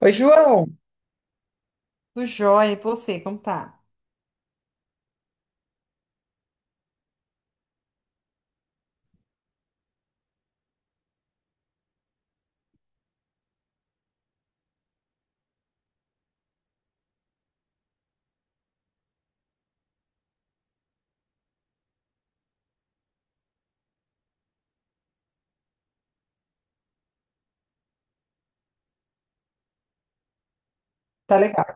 Oi, João. Tudo jóia, e você, como tá? Tá legal.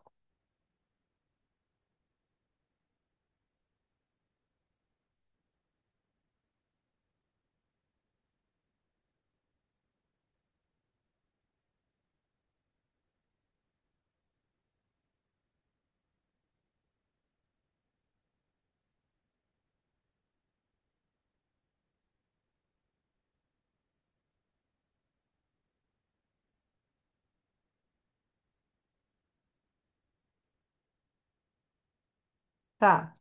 Tá.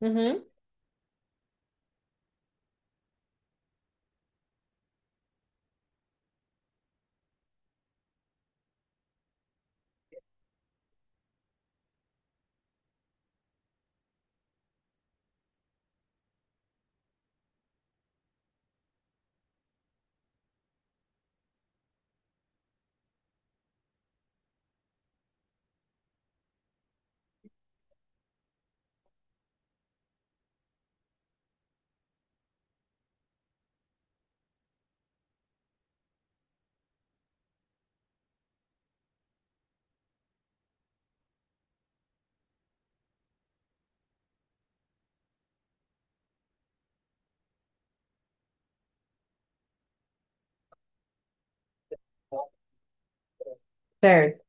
Uhum. Certo.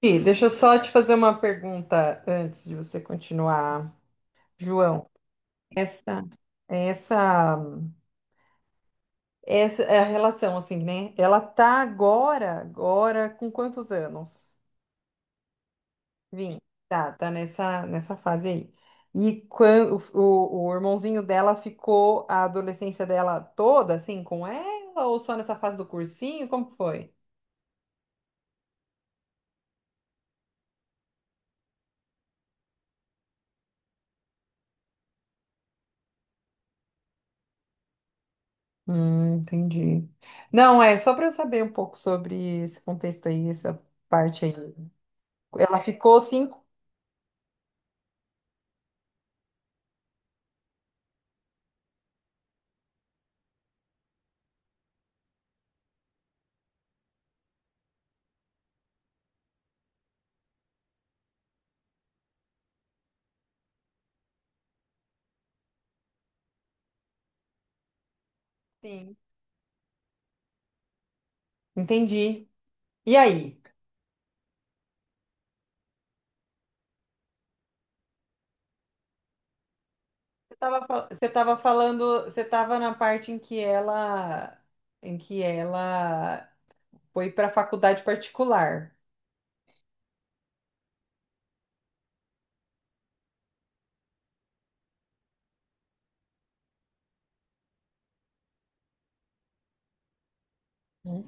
E deixa eu só te fazer uma pergunta antes de você continuar, João. Essa, essa Essa é a relação, assim, né? Ela tá agora, com quantos anos? Vim. Tá nessa fase aí. E quando o irmãozinho dela ficou a adolescência dela toda, assim, com ela, ou só nessa fase do cursinho? Como que foi? Entendi. Não, é só para eu saber um pouco sobre esse contexto aí, essa parte aí. Ela ficou cinco? Sim. Entendi. E aí? Você estava falando, você estava na parte em que ela foi para a faculdade particular, né?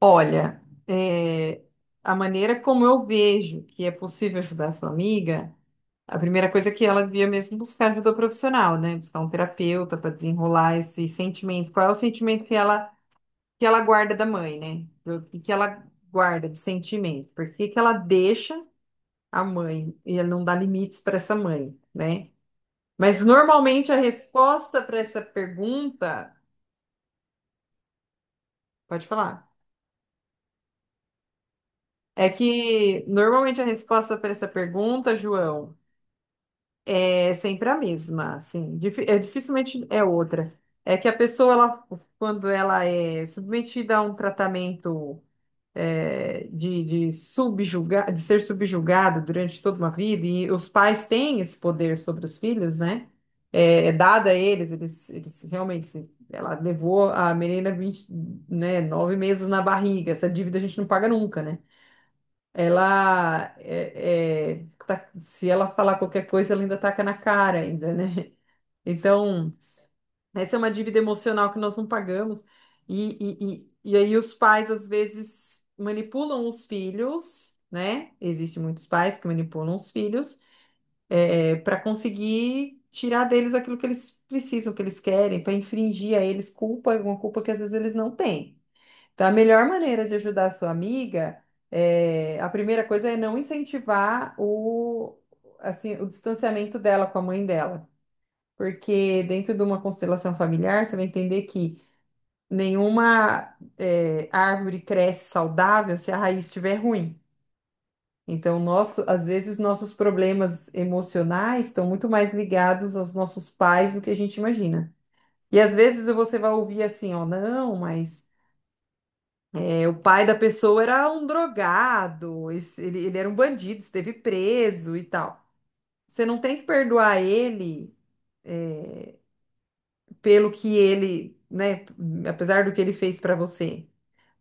Olha, é, a maneira como eu vejo que é possível ajudar sua amiga, a primeira coisa é que ela devia mesmo buscar ajuda profissional, né? Buscar um terapeuta para desenrolar esse sentimento. Qual é o sentimento que ela guarda da mãe, né? O que que ela guarda de sentimento? Por que que ela deixa a mãe e ela não dá limites para essa mãe, né? Mas normalmente a resposta para essa pergunta, pode falar, é que normalmente a resposta para essa pergunta, João, é sempre a mesma, assim. É dificilmente é outra. É que a pessoa ela, quando ela é submetida a um tratamento, de subjugar, de ser subjugado durante toda uma vida, e os pais têm esse poder sobre os filhos, né? É dada a eles, realmente, ela levou a menina 20 né, 9 meses na barriga, essa dívida a gente não paga nunca, né? Ela, se ela falar qualquer coisa, ela ainda taca na cara ainda, né? Então, essa é uma dívida emocional que nós não pagamos. E aí os pais, às vezes, manipulam os filhos, né? Existem muitos pais que manipulam os filhos para conseguir tirar deles aquilo que eles precisam, que eles querem, para infringir a eles culpa, uma culpa que às vezes eles não têm. Então, a melhor maneira de ajudar a sua amiga, a primeira coisa é não incentivar assim, o distanciamento dela com a mãe dela, porque dentro de uma constelação familiar, você vai entender que nenhuma, árvore cresce saudável se a raiz estiver ruim. Então, nosso, às vezes, nossos problemas emocionais estão muito mais ligados aos nossos pais do que a gente imagina. E às vezes você vai ouvir assim, ó, não, mas, o pai da pessoa era um drogado, ele, ele era um bandido, esteve preso e tal. Você não tem que perdoar ele pelo que ele, né, apesar do que ele fez pra você.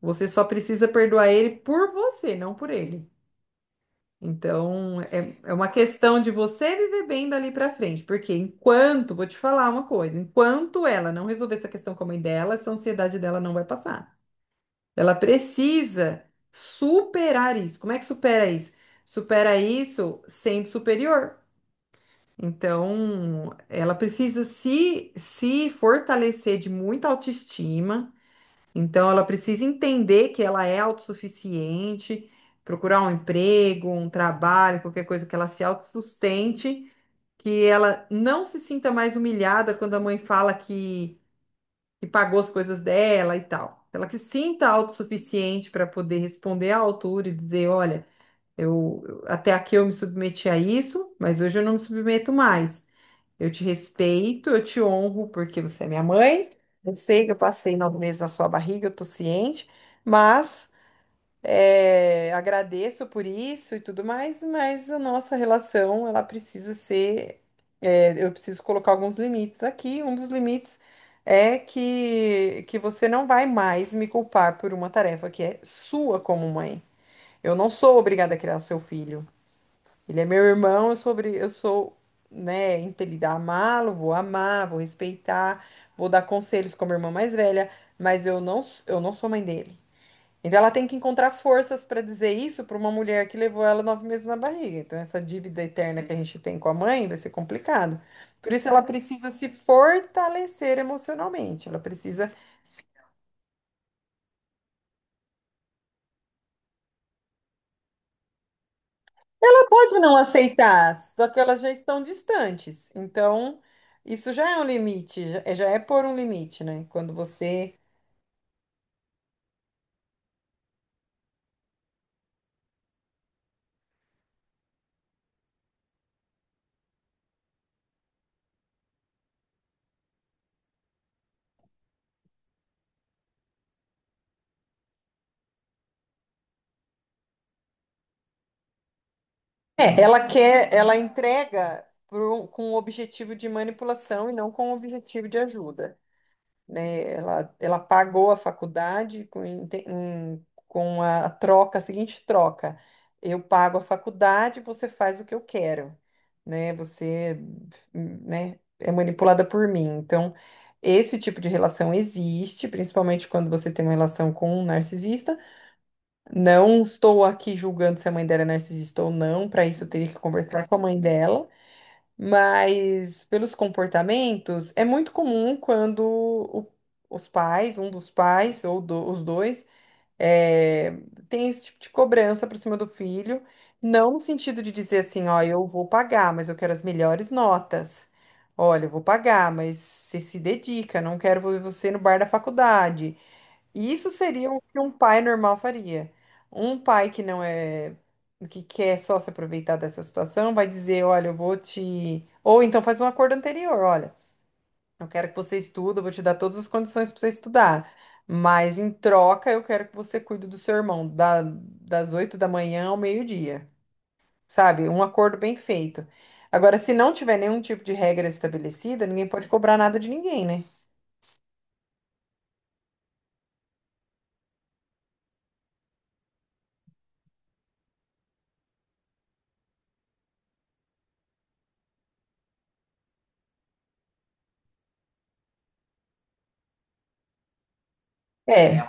Você só precisa perdoar ele por você, não por ele. Então, é uma questão de você viver bem dali pra frente, porque enquanto, vou te falar uma coisa, enquanto ela não resolver essa questão com a mãe dela, essa ansiedade dela não vai passar. Ela precisa superar isso. Como é que supera isso? Supera isso sendo superior. Então, ela precisa se fortalecer de muita autoestima. Então, ela precisa entender que ela é autossuficiente, procurar um emprego, um trabalho, qualquer coisa que ela se autossustente, que ela não se sinta mais humilhada quando a mãe fala que pagou as coisas dela e tal. Ela que se sinta autossuficiente para poder responder à altura e dizer: olha, até aqui eu me submeti a isso, mas hoje eu não me submeto mais. Eu te respeito, eu te honro porque você é minha mãe. Eu sei que eu passei 9 meses na sua barriga, eu tô ciente, mas, agradeço por isso e tudo mais, mas a nossa relação, ela precisa ser. Eu preciso colocar alguns limites aqui. Um dos limites é que você não vai mais me culpar por uma tarefa que é sua como mãe. Eu não sou obrigada a criar seu filho. Ele é meu irmão, eu sou, né, impelida a amá-lo, vou amar, vou respeitar, vou dar conselhos como irmã mais velha, mas eu não sou mãe dele. Então ela tem que encontrar forças para dizer isso para uma mulher que levou ela 9 meses na barriga. Então essa dívida eterna que a Sim. gente tem com a mãe vai ser complicado. Por isso ela precisa se fortalecer emocionalmente. Ela precisa. Ela pode não aceitar, só que elas já estão distantes. Então, isso já é um limite, já é pôr um limite, né? Quando você. É, ela quer, ela entrega com o objetivo de manipulação e não com o objetivo de ajuda, né? Ela pagou a faculdade com a troca, a seguinte troca: eu pago a faculdade, você faz o que eu quero, né? Você, né, é manipulada por mim. Então, esse tipo de relação existe, principalmente quando você tem uma relação com um narcisista. Não estou aqui julgando se a mãe dela é narcisista ou não, para isso eu teria que conversar com a mãe dela. Mas pelos comportamentos, é muito comum quando os pais, um dos pais ou os dois, eh, tem esse tipo de cobrança para cima do filho, não no sentido de dizer assim, ó, eu vou pagar, mas eu quero as melhores notas. Olha, eu vou pagar, mas você se dedica, não quero ver você no bar da faculdade. Isso seria o que um pai normal faria. Um pai que não é, que quer só se aproveitar dessa situação, vai dizer, olha, eu vou te. Ou então faz um acordo anterior, olha, eu quero que você estude, eu vou te dar todas as condições para você estudar. Mas em troca, eu quero que você cuide do seu irmão, das 8 da manhã ao meio-dia. Sabe? Um acordo bem feito. Agora, se não tiver nenhum tipo de regra estabelecida, ninguém pode cobrar nada de ninguém, né? É,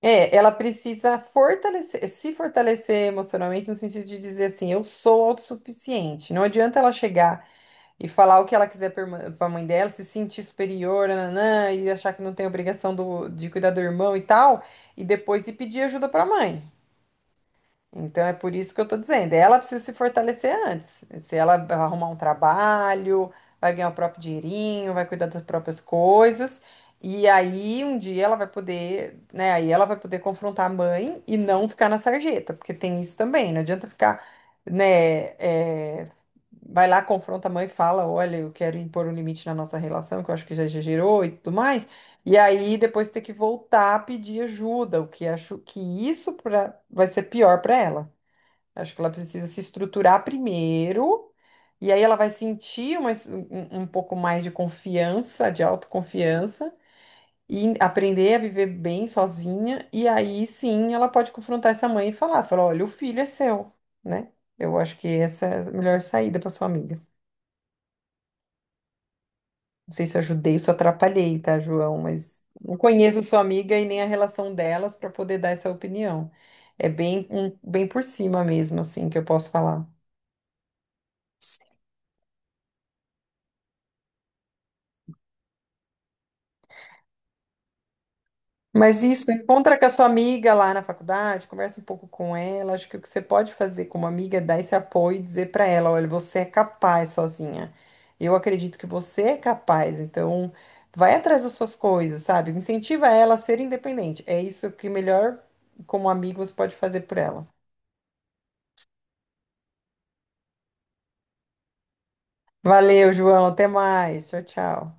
Ela precisa fortalecer, se fortalecer emocionalmente no sentido de dizer assim, eu sou autossuficiente. Não adianta ela chegar e falar o que ela quiser para a mãe dela, se sentir superior, nananã, e achar que não tem obrigação de cuidar do irmão e tal, e depois ir pedir ajuda para a mãe. Então é por isso que eu tô dizendo, ela precisa se fortalecer antes. Se ela arrumar um trabalho, vai ganhar o próprio dinheirinho, vai cuidar das próprias coisas, e aí um dia ela vai poder, né, aí ela vai poder confrontar a mãe e não ficar na sarjeta, porque tem isso também, não adianta ficar, né, vai lá, confronta a mãe e fala, olha, eu quero impor um limite na nossa relação, que eu acho que já exagerou e tudo mais. E aí depois ter que voltar a pedir ajuda, o que acho que isso pra, vai ser pior para ela. Acho que ela precisa se estruturar primeiro, e aí ela vai sentir uma um pouco mais de confiança, de autoconfiança, e aprender a viver bem sozinha, e aí sim ela pode confrontar essa mãe e falar, falar, olha, o filho é seu, né? Eu acho que essa é a melhor saída para sua amiga. Não sei se eu ajudei, se eu atrapalhei, tá, João? Mas não conheço sua amiga e nem a relação delas para poder dar essa opinião. É bem, bem por cima mesmo, assim, que eu posso falar. Mas isso, encontra com a sua amiga lá na faculdade, conversa um pouco com ela. Acho que o que você pode fazer como amiga é dar esse apoio e dizer para ela: olha, você é capaz sozinha. Eu acredito que você é capaz, então vai atrás das suas coisas, sabe? Incentiva ela a ser independente. É isso que melhor, como amigo, você pode fazer por ela. Valeu, João. Até mais. Tchau, tchau.